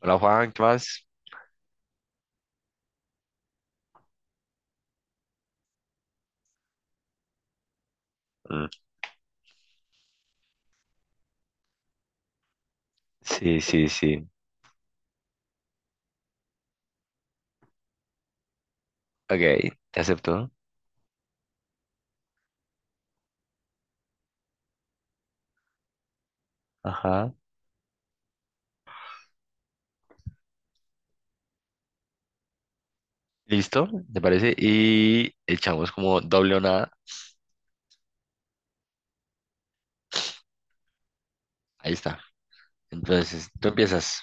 Hola Juan, ¿qué más? Mm, sí, sí, sí. Ok, te acepto. Ajá. ¿Listo? ¿Te parece? Y echamos como doble o nada. Ahí está. Entonces, tú empiezas.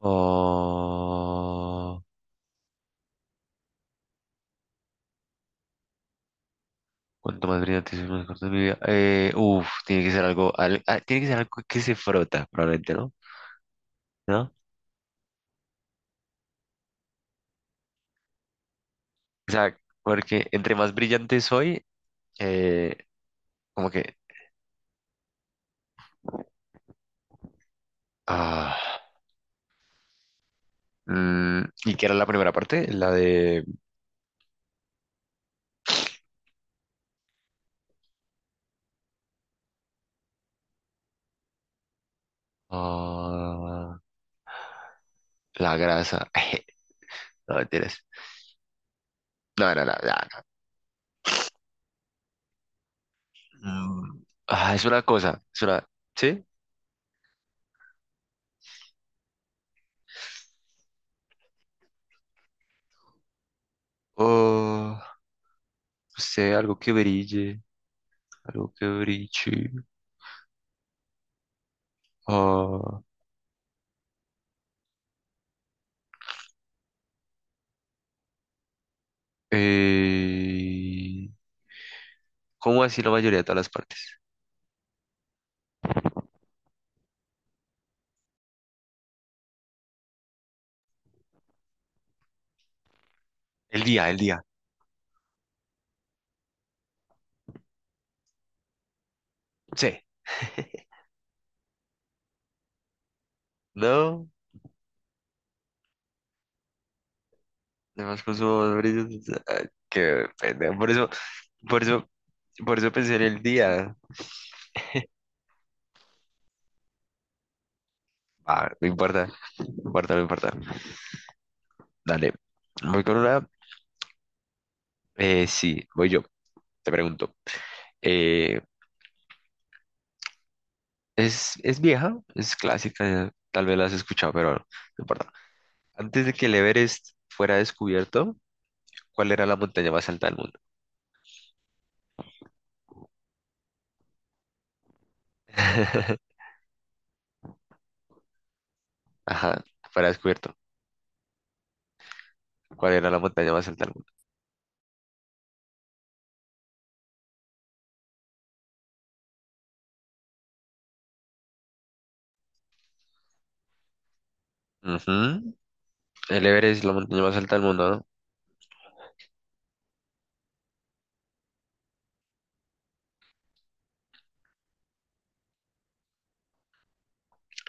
Oh, cuánto más brillante es más corto de mi vida. Tiene que ser algo, tiene que ser algo que se frota, probablemente, ¿no? ¿No? O sea, porque entre más brillante soy, eh, como que, ah, ¿y qué era la primera parte? La de, ah. La grasa. No, mentiras. No, no, no, no, no. Es una cosa. Es una. ¿Sí? O. No sé, algo que brille. Algo que brille. Ah, eh, ¿Cómo así la mayoría de todas las partes? El día, el día. Sí. No. Además, consumo más brillos. Ah, qué pendejo. Por eso, por eso, por eso pensé en el día. Ah, no importa. No importa, no importa. Dale. Voy con una. Sí, voy yo. Te pregunto. Eh, es vieja, es clásica, tal vez la has escuchado, pero no importa. Antes de que el Everest fuera descubierto, ¿cuál era la montaña más alta del mundo? Ajá, fuera descubierto. ¿Cuál era la montaña más alta del mundo? Ujú, el Everest es la montaña más alta del mundo, ¿no?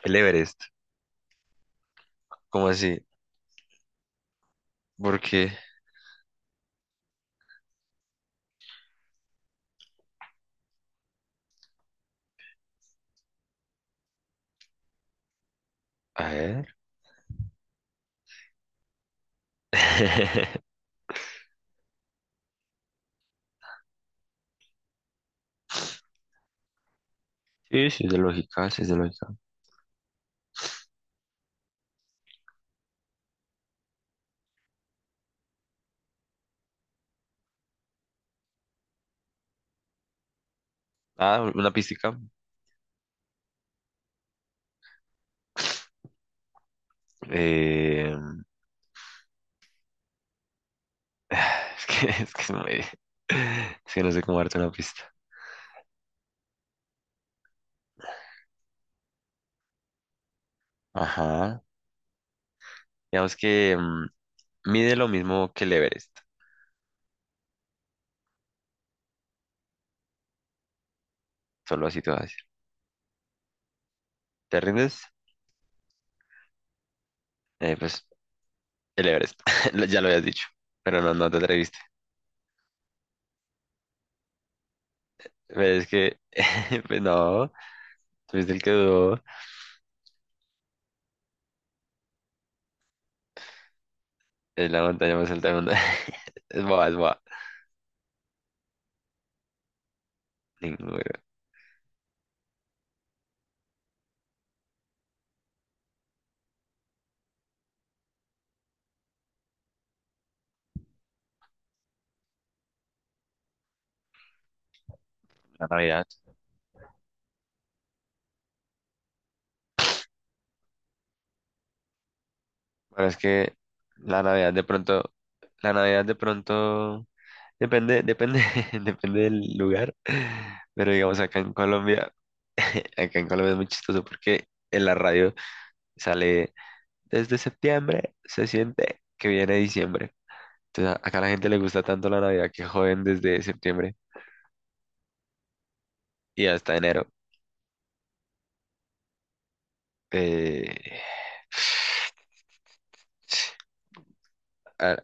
El Everest, ¿cómo así? Porque, a ver. Sí, sí, es de lógica, sí, es de lógica. Ah, una pista. Eh, es que es muy- es que no sé cómo darte una pista. Ajá. Digamos que mide lo mismo que el Everest, solo así te voy a decir. ¿Te rindes? Pues el Everest, lo- ya lo habías dicho, pero no, no te atreviste. Pero es que, pues no, tuviste el que dudó, es la montaña más alta del mundo. Es boba, es boba. Ninguna- La Navidad. Bueno, es que la Navidad de pronto, la Navidad de pronto, depende, depende, depende del lugar, pero digamos acá en Colombia es muy chistoso porque en la radio sale... Desde septiembre se siente que viene diciembre. Entonces, a- acá a la gente le gusta tanto la Navidad que joden desde septiembre y hasta enero. Eh, ah,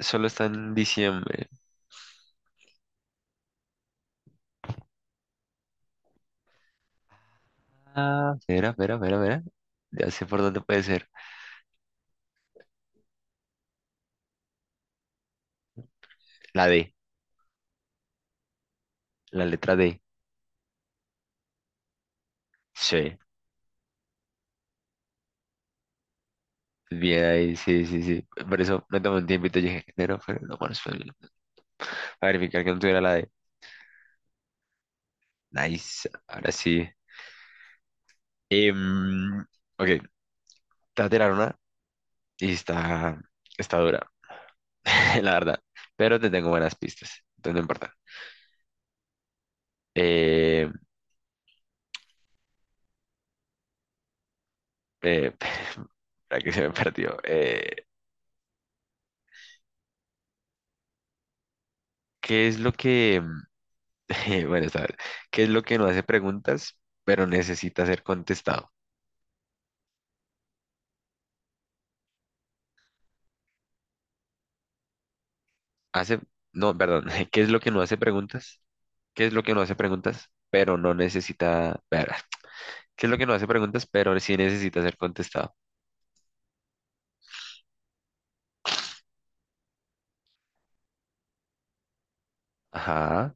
solo está en diciembre. Ah, mira, mira, mira, mira. Ya sé por dónde puede ser. La D, la letra D. Sí. Bien ahí, sí, sí, sí. Por eso me tomé un tiempito y dije enero, pero no, bueno, espera, no. A verificar que no tuviera la D. Nice. Ahora sí. Em, ok, te voy a tirar una y está, está dura. La verdad. Pero te tengo buenas pistas, entonces no importa. Eh, eh, para que se me perdió. ¿Qué es lo que, bueno, esta vez, ¿qué es lo que no hace preguntas, pero necesita ser contestado? Hace, no, perdón, ¿qué es lo que no hace preguntas? ¿Qué es lo que no hace preguntas, pero no necesita, ver, ¿qué es lo que no hace preguntas, pero sí necesita ser contestado? Ajá.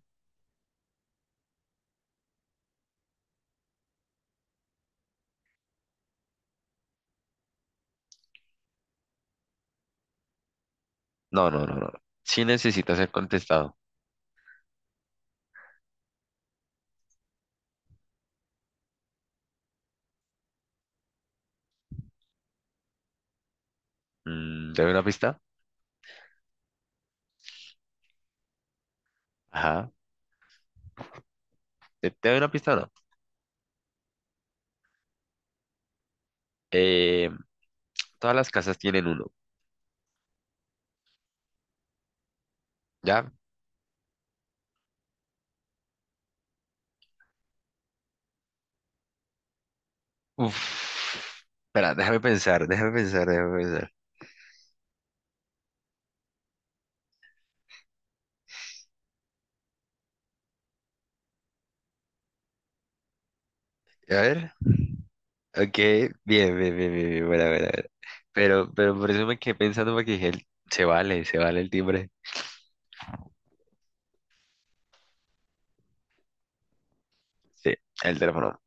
No, no, no, no, no. Sí necesita ser contestado. Mm, ¿te doy una pista? Ajá. ¿Te doy una pista o no? Eh, Todas las casas tienen uno, ¿ya? Uf. Espera, déjame pensar, déjame pensar, déjame pensar. A ver. Ok, bien, bien, bien, bien, bien, bueno, bueno, bueno. Pero por eso me quedé pensando porque dije, el- se vale el timbre. Sí, el teléfono.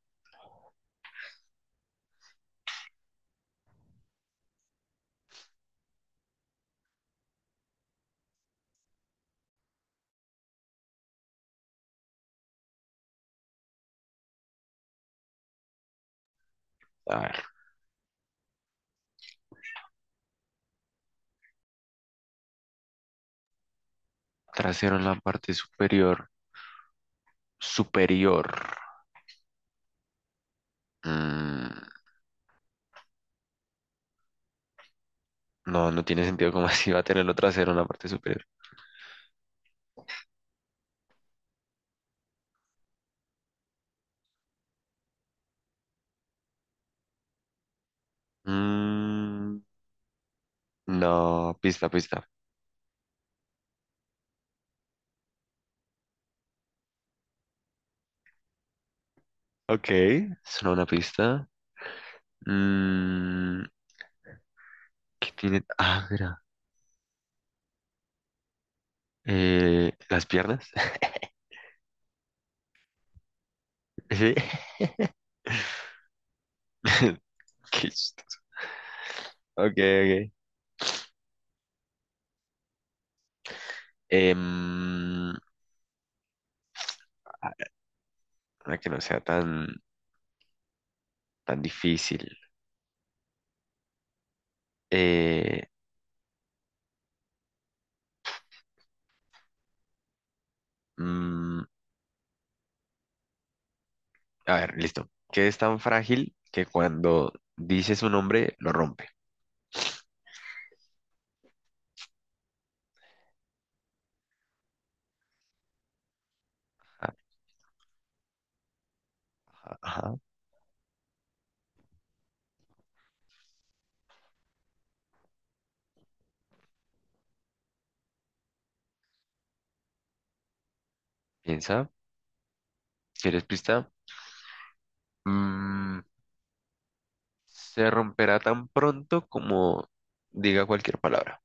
A ver. Trasero en la parte superior. Superior. Mm, no, no tiene sentido como así va a tenerlo trasero en la parte superior. Mm, no, pista, pista. Ok, suena una pista. Mm, ¿Qué tiene? Ah, mira. Las piernas. Sí. Qué chistoso. Ok, ok. Em, a- una que no sea tan, tan difícil. Eh, mm, a ver, listo. ¿Qué es tan frágil que cuando dices un nombre lo rompe? Ajá, ajá, ajá. Piensa. ¿Quieres pista? Mm, se romperá tan pronto como diga cualquier palabra.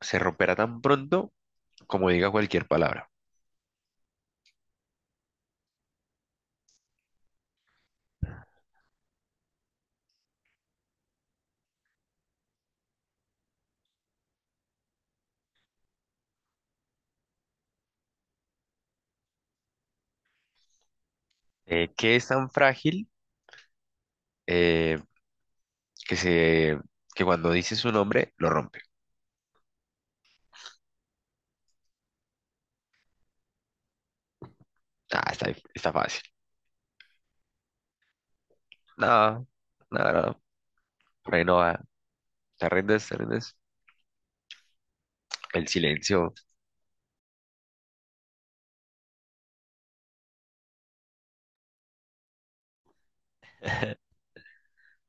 Se romperá tan pronto como diga cualquier palabra. ¿Qué es tan frágil? Eh, que se, que cuando dice su nombre, lo rompe. Ah, está, está fácil. No, no, no, por ahí no va. ¿Te rindes? ¿Te rindes? El silencio.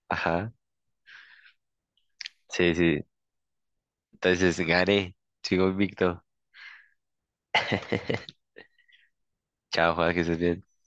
Ajá. Sí, sí. Entonces, gané. Sigo invicto. Chao, Juan, que estés bien.